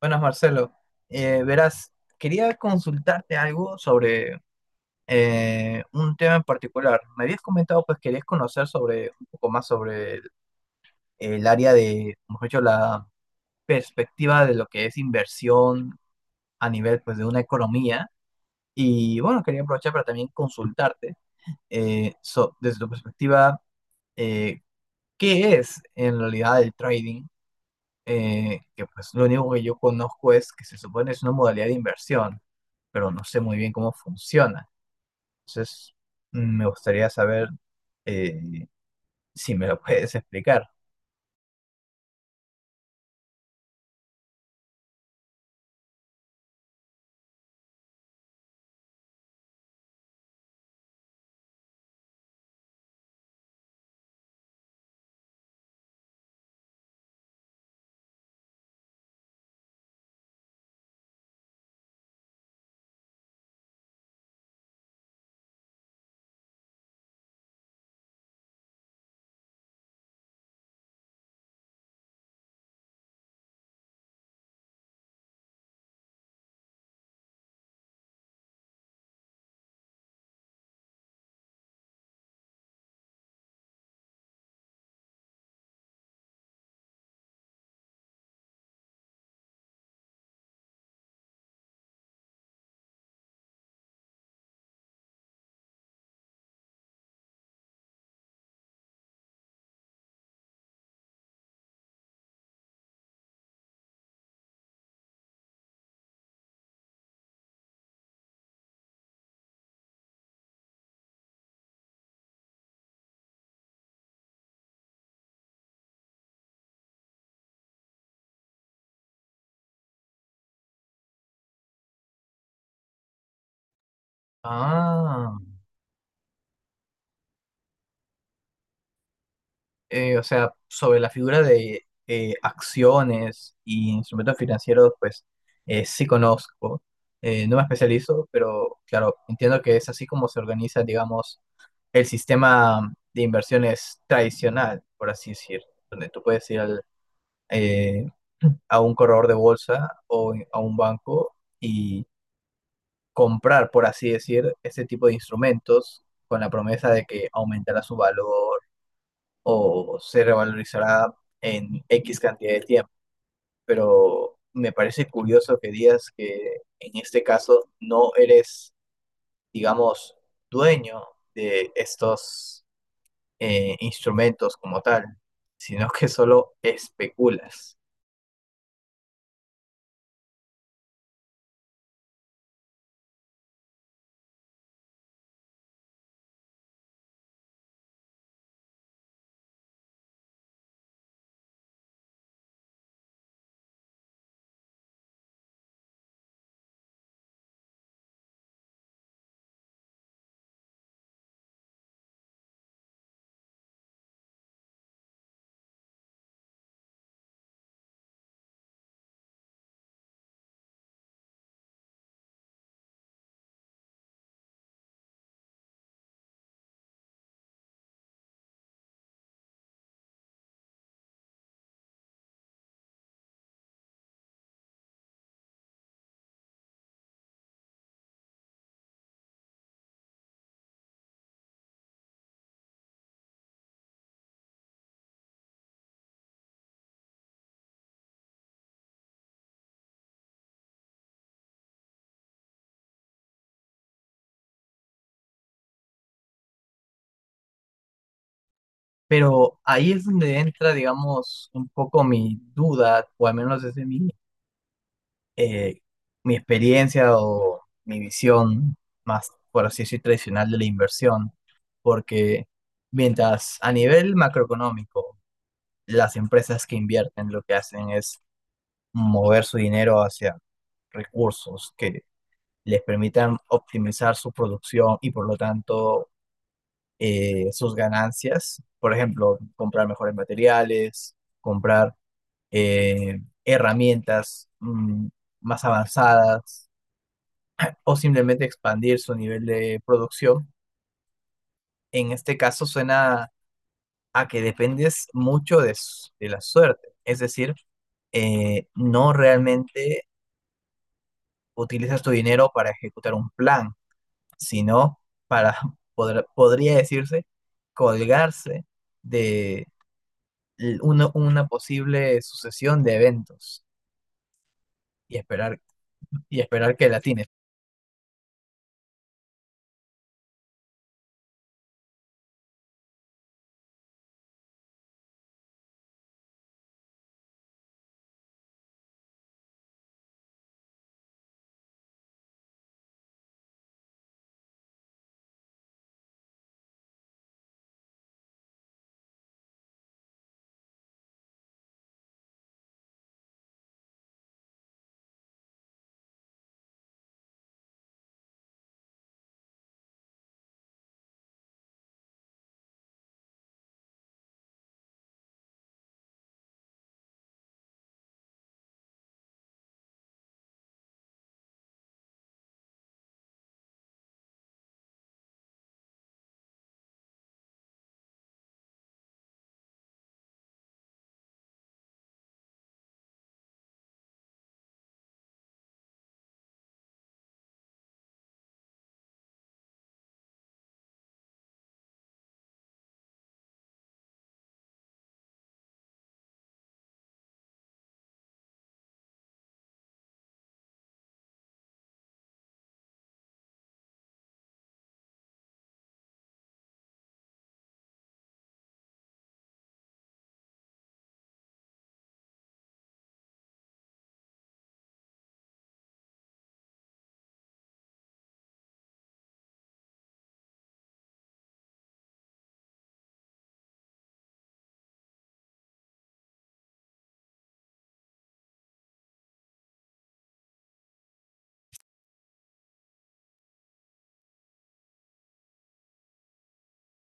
Buenas, Marcelo. Verás, quería consultarte algo sobre un tema en particular. Me habías comentado, pues querías conocer sobre un poco más sobre el área de, mejor dicho, la perspectiva de lo que es inversión a nivel, pues, de una economía. Y bueno, quería aprovechar para también consultarte desde tu perspectiva, eh, ¿qué es en realidad el trading? Que pues lo único que yo conozco es que se supone es una modalidad de inversión, pero no sé muy bien cómo funciona. Entonces, me gustaría saber eh, si me lo puedes explicar. Ah, o sea, sobre la figura de acciones y instrumentos financieros, pues sí conozco. No me especializo, pero claro, entiendo que es así como se organiza, digamos, el sistema de inversiones tradicional, por así decir, donde tú puedes ir al eh, a un corredor de bolsa o a un banco y comprar, por así decir, ese tipo de instrumentos con la promesa de que aumentará su valor o se revalorizará en X cantidad de tiempo. Pero me parece curioso que digas que en este caso no eres, digamos, dueño de estos instrumentos como tal, sino que solo especulas. Pero ahí es donde entra, digamos, un poco mi duda, o al menos desde mi, eh, mi experiencia o mi visión más, por así decir, tradicional de la inversión, porque mientras a nivel macroeconómico, las empresas que invierten lo que hacen es mover su dinero hacia recursos que les permitan optimizar su producción y por lo tanto sus ganancias, por ejemplo, comprar mejores materiales, comprar eh, herramientas más avanzadas o simplemente expandir su nivel de producción. En este caso suena a que dependes mucho de, de la suerte, es decir, no realmente utilizas tu dinero para ejecutar un plan, sino para, podría decirse, colgarse de una posible sucesión de eventos y esperar, y esperar que la atines.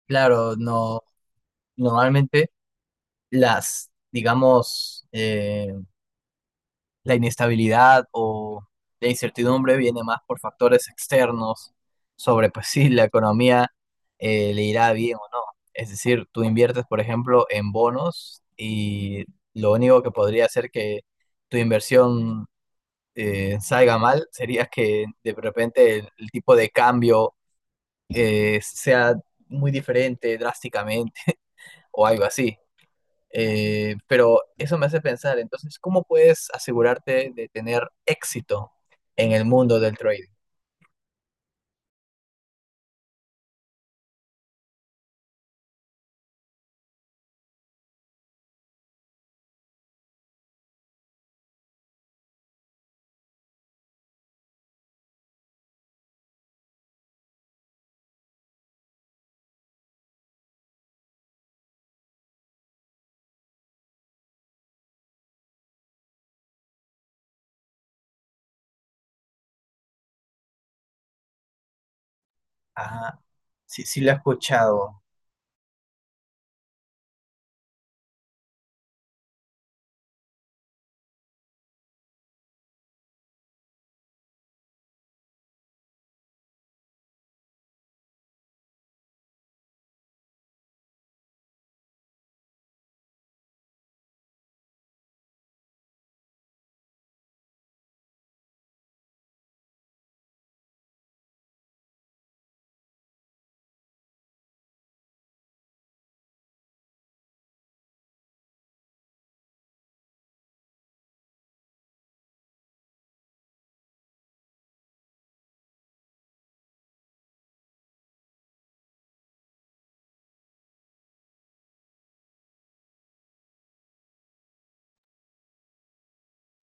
Claro, no, normalmente digamos, la inestabilidad o la incertidumbre viene más por factores externos sobre, pues si la economía le irá bien o no. Es decir, tú inviertes, por ejemplo, en bonos y lo único que podría hacer que tu inversión salga mal sería que de repente el tipo de cambio sea muy diferente drásticamente o algo así. Pero eso me hace pensar, entonces, ¿cómo puedes asegurarte de tener éxito en el mundo del trading? Ah, sí, sí lo he escuchado.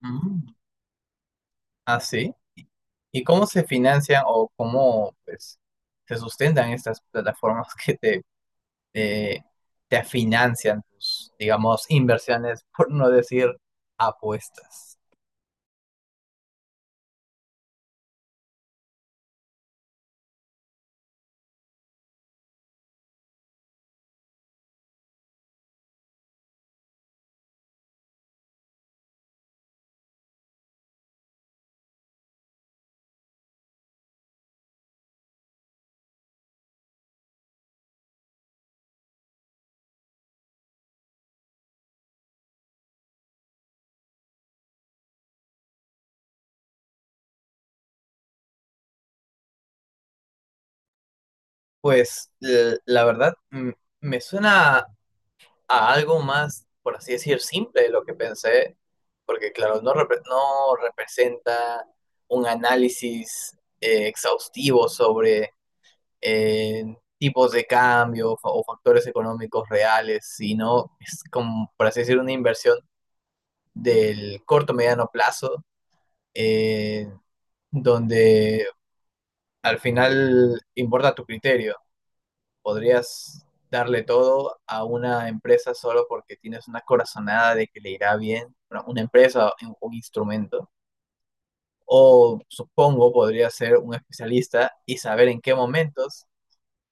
Mm. Ah, sí. Y cómo se financian o cómo pues, se sustentan estas plataformas que te, te financian tus, digamos, inversiones, por no decir apuestas? Pues la verdad, me suena a algo más, por así decir, simple de lo que pensé, porque claro, no, no representa un análisis exhaustivo sobre eh, tipos de cambio o factores económicos reales, sino es como, por así decir, una inversión del corto mediano plazo, eh, donde al final importa tu criterio, podrías darle todo a una empresa solo porque tienes una corazonada de que le irá bien, bueno, una empresa, un instrumento. O supongo podría ser un especialista y saber en qué momentos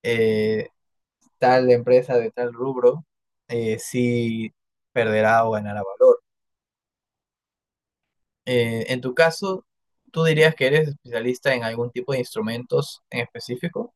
eh, tal empresa de tal rubro si perderá o ganará valor. En tu caso, ¿tú dirías que eres especialista en algún tipo de instrumentos en específico?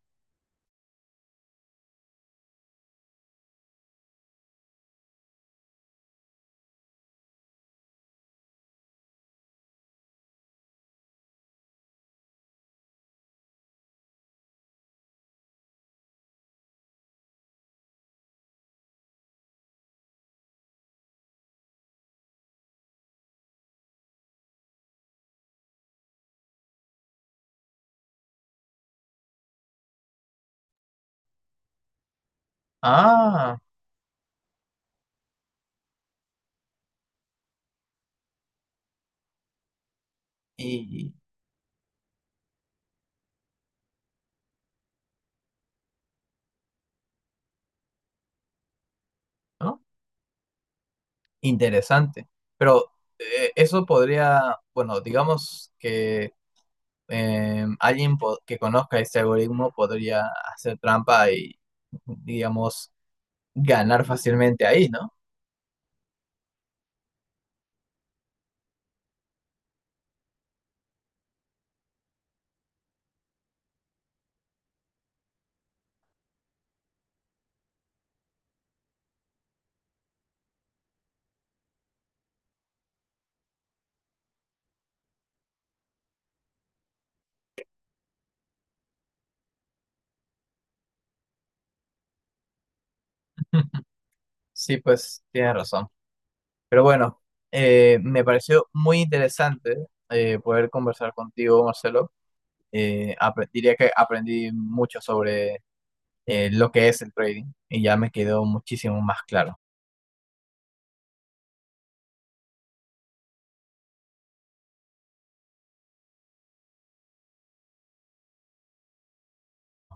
Ah, y... ¿no? Interesante. Pero eso podría, bueno, digamos que alguien que conozca este algoritmo podría hacer trampa y, digamos, ganar fácilmente ahí, ¿no? Sí, pues tienes razón. Pero bueno, me pareció muy interesante poder conversar contigo, Marcelo. Diría que aprendí mucho sobre lo que es el trading y ya me quedó muchísimo más claro.